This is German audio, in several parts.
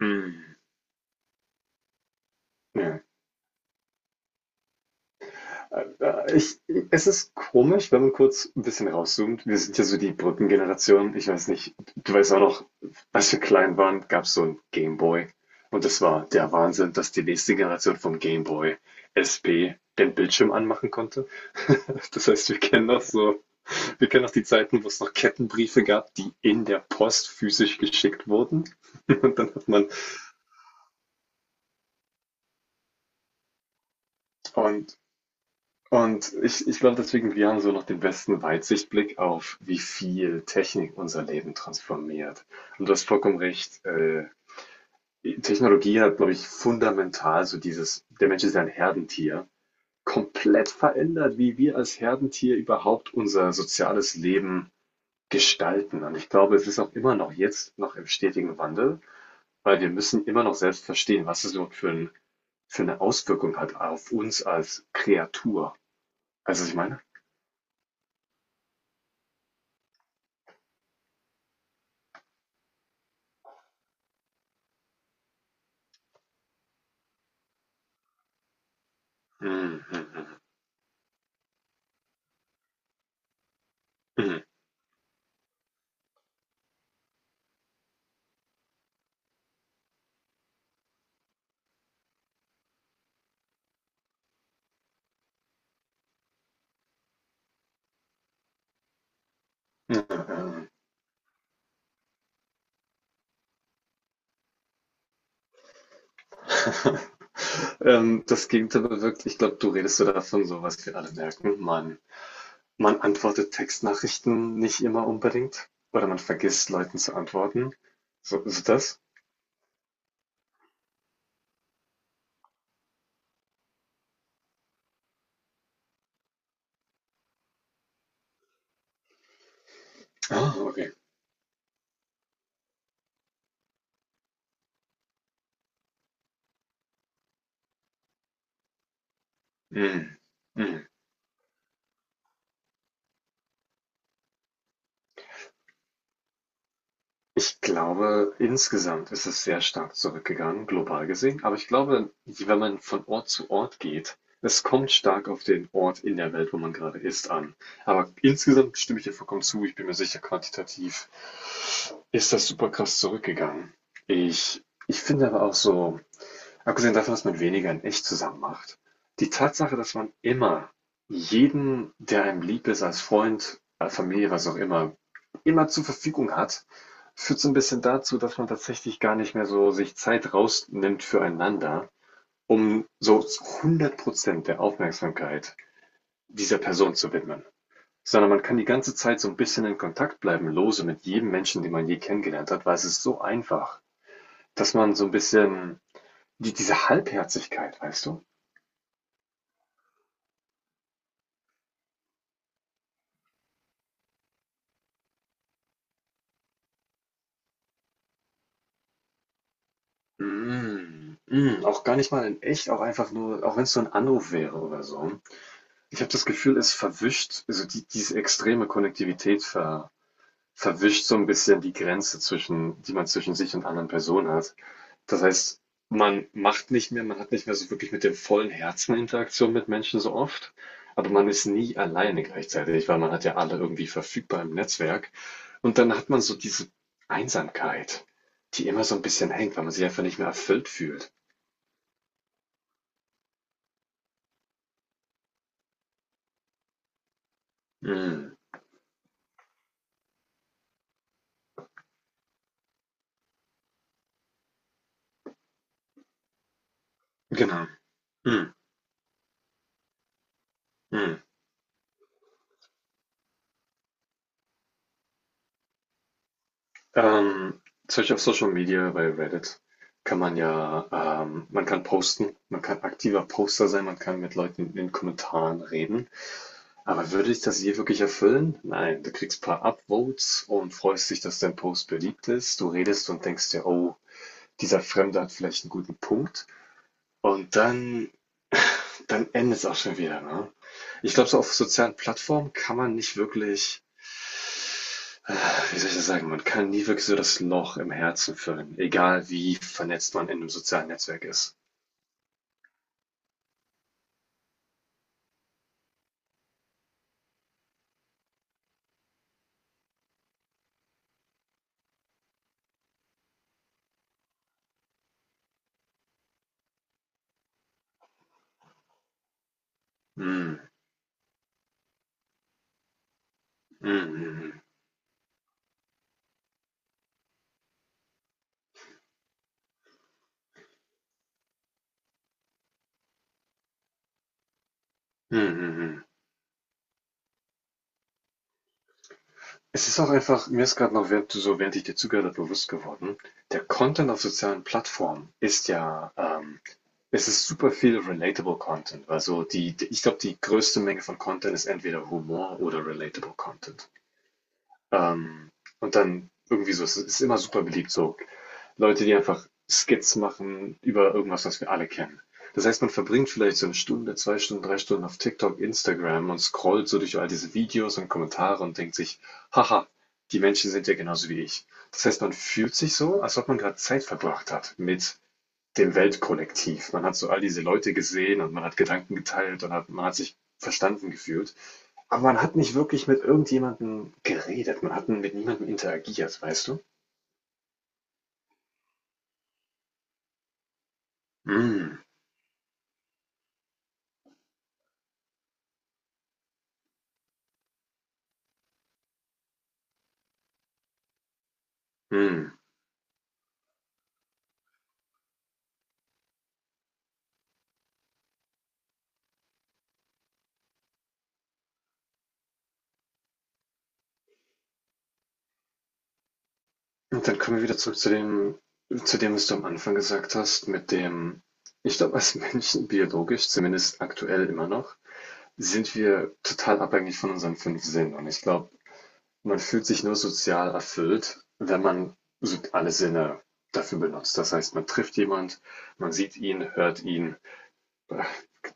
Hm, ja. Äh, Ich, Es ist komisch, wenn man kurz ein bisschen rauszoomt. Wir sind ja so die Brückengeneration. Ich weiß nicht, du weißt auch noch, als wir klein waren, gab es so ein Game Boy. Und das war der Wahnsinn, dass die nächste Generation vom Game Boy SP den Bildschirm anmachen konnte. Das heißt, wir kennen noch die Zeiten, wo es noch Kettenbriefe gab, die in der Post physisch geschickt wurden. Und dann hat man, und Und ich glaube deswegen, wir haben so noch den besten Weitsichtblick auf, wie viel Technik unser Leben transformiert. Und du hast vollkommen recht. Technologie hat, glaube ich, fundamental so dieses, der Mensch ist ja ein Herdentier, komplett verändert, wie wir als Herdentier überhaupt unser soziales Leben gestalten. Und ich glaube, es ist auch immer noch jetzt noch im stetigen Wandel, weil wir müssen immer noch selbst verstehen, was es überhaupt für eine Auswirkung hat auf uns als Kreatur. Weißt du, was ich meine? Mhm. Mhm. Ja, ja. Das Gegenteil bewirkt. Ich glaube, du redest so davon, so was wir alle merken. Man antwortet Textnachrichten nicht immer unbedingt oder man vergisst Leuten zu antworten. So, ist das? Ah, okay. Mhm. Mhm. Ich glaube, insgesamt ist es sehr stark zurückgegangen, global gesehen. Aber ich glaube, wenn man von Ort zu Ort geht, es kommt stark auf den Ort in der Welt, wo man gerade ist, an. Aber insgesamt stimme ich dir vollkommen zu. Ich bin mir sicher, quantitativ ist das super krass zurückgegangen. Ich finde aber auch so, abgesehen davon, dass man weniger in echt zusammen macht, die Tatsache, dass man immer jeden, der einem lieb ist, als Freund, als Familie, was auch immer, immer zur Verfügung hat, führt so ein bisschen dazu, dass man tatsächlich gar nicht mehr so sich Zeit rausnimmt füreinander, um so hundert Prozent der Aufmerksamkeit dieser Person zu widmen. Sondern man kann die ganze Zeit so ein bisschen in Kontakt bleiben, lose mit jedem Menschen, den man je kennengelernt hat, weil es ist so einfach, dass man so ein bisschen diese Halbherzigkeit, weißt du? Mm, mm, auch gar nicht mal in echt, auch einfach nur, auch wenn es so ein Anruf wäre oder so. Ich habe das Gefühl, es verwischt, also diese extreme Konnektivität verwischt so ein bisschen die Grenze zwischen, die man zwischen sich und anderen Personen hat. Das heißt, man macht nicht mehr, man hat nicht mehr so wirklich mit dem vollen Herzen Interaktion mit Menschen so oft, aber man ist nie alleine gleichzeitig, weil man hat ja alle irgendwie verfügbar im Netzwerk. Und dann hat man so diese Einsamkeit, die immer so ein bisschen hängt, weil man sich einfach nicht mehr erfüllt fühlt. Mm, genau. Mm, mm. Ähm, Zum Beispiel auf Social Media bei Reddit kann man ja, man kann posten, man kann aktiver Poster sein, man kann mit Leuten in den Kommentaren reden. Aber würde ich das je wirklich erfüllen? Nein, du kriegst ein paar Upvotes und freust dich, dass dein Post beliebt ist. Du redest und denkst dir, oh, dieser Fremde hat vielleicht einen guten Punkt. Und dann endet es auch schon wieder, ne? Ich glaube, so auf sozialen Plattformen kann man nicht wirklich, äh, wie soll ich das sagen, man kann nie wirklich so das Loch im Herzen füllen, egal wie vernetzt man in einem sozialen Netzwerk ist. Mhm. Mhm. Mhm. Mhm. Mhm. Mhm. Es ist auch einfach, mir ist gerade noch, während du so, während ich dir zugehört habe, bewusst geworden, der Content auf sozialen Plattformen ist ja, es ist super viel relatable Content. Also ich glaube, die größte Menge von Content ist entweder Humor oder relatable Content. Ähm, und dann irgendwie so, es ist immer super beliebt, so Leute, die einfach Skits machen über irgendwas, was wir alle kennen. Das heißt, man verbringt vielleicht so eine Stunde, zwei Stunden, drei Stunden auf TikTok, Instagram und scrollt so durch all diese Videos und Kommentare und denkt sich, haha, die Menschen sind ja genauso wie ich. Das heißt, man fühlt sich so, als ob man gerade Zeit verbracht hat mit dem Weltkollektiv. Man hat so all diese Leute gesehen und man hat Gedanken geteilt und hat, man hat sich verstanden gefühlt. Aber man hat nicht wirklich mit irgendjemandem geredet. Man hat mit niemandem interagiert, weißt du? Mm, mm. Und dann kommen wir wieder zurück zu dem, was du am Anfang gesagt hast, mit dem, ich glaube, als Menschen biologisch, zumindest aktuell immer noch, sind wir total abhängig von unseren fünf Sinnen. Und ich glaube, man fühlt sich nur sozial erfüllt, wenn man so alle Sinne dafür benutzt. Das heißt, man trifft jemand, man sieht ihn, hört ihn,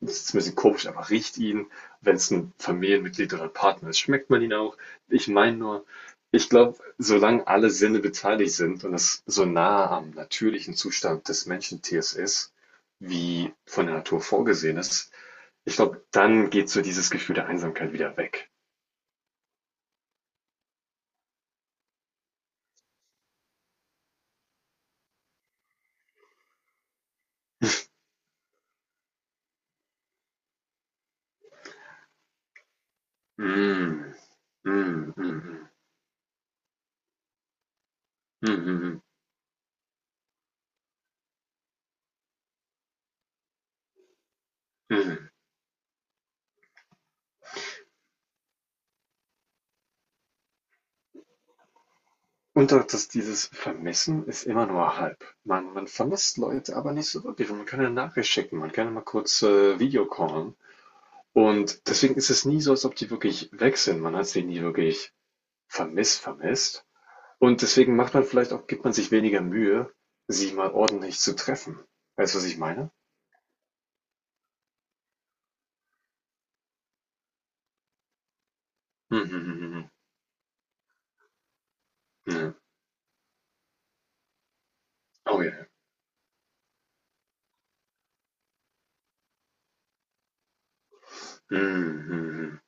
Das ist ein bisschen komisch, aber riecht ihn, wenn es ein Familienmitglied oder ein Partner ist, schmeckt man ihn auch. Ich meine nur, ich glaube, solange alle Sinne beteiligt sind und das so nah am natürlichen Zustand des Menschentiers ist, wie von der Natur vorgesehen ist, ich glaube, dann geht so dieses Gefühl der Einsamkeit wieder weg. Mm, mm, mm, mm, mm, mm, mm. Und auch, dass dieses Vermissen ist immer nur halb. Man vermisst Leute, aber nicht so wirklich. Man kann eine Nachricht schicken, man kann mal kurz, Video-callen und deswegen ist es nie so, als ob die wirklich weg sind. Man hat sie nie wirklich vermisst und deswegen macht man vielleicht auch gibt man sich weniger Mühe, sie mal ordentlich zu treffen. Weißt du, was ich meine? Mhm, mhm, mhm. Ja. Oh ja. Mhm, mhm,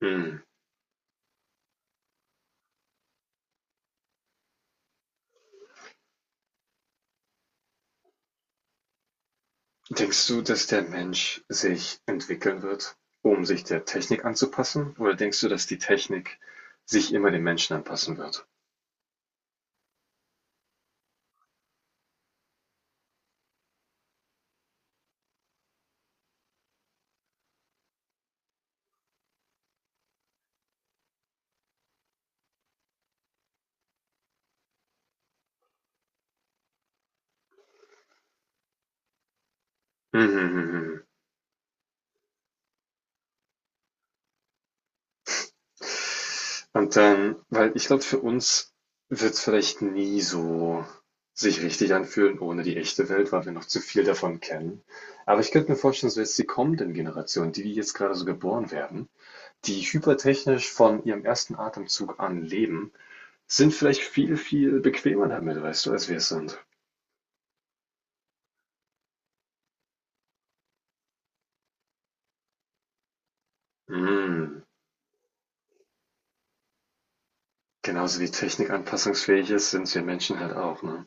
mhm. Mhm. Denkst du, dass der Mensch sich entwickeln wird, um sich der Technik anzupassen? Oder denkst du, dass die Technik sich immer dem Menschen anpassen wird? Mhm. Und dann, weil ich glaube, für uns wird es vielleicht nie so sich richtig anfühlen ohne die echte Welt, weil wir noch zu viel davon kennen. Aber ich könnte mir vorstellen, so jetzt die kommenden Generationen, die jetzt gerade so geboren werden, die hypertechnisch von ihrem ersten Atemzug an leben, sind vielleicht viel, viel bequemer damit, weißt du, als wir es sind. Mhm. Genauso wie Technik anpassungsfähig ist, sind wir Menschen halt auch, ne?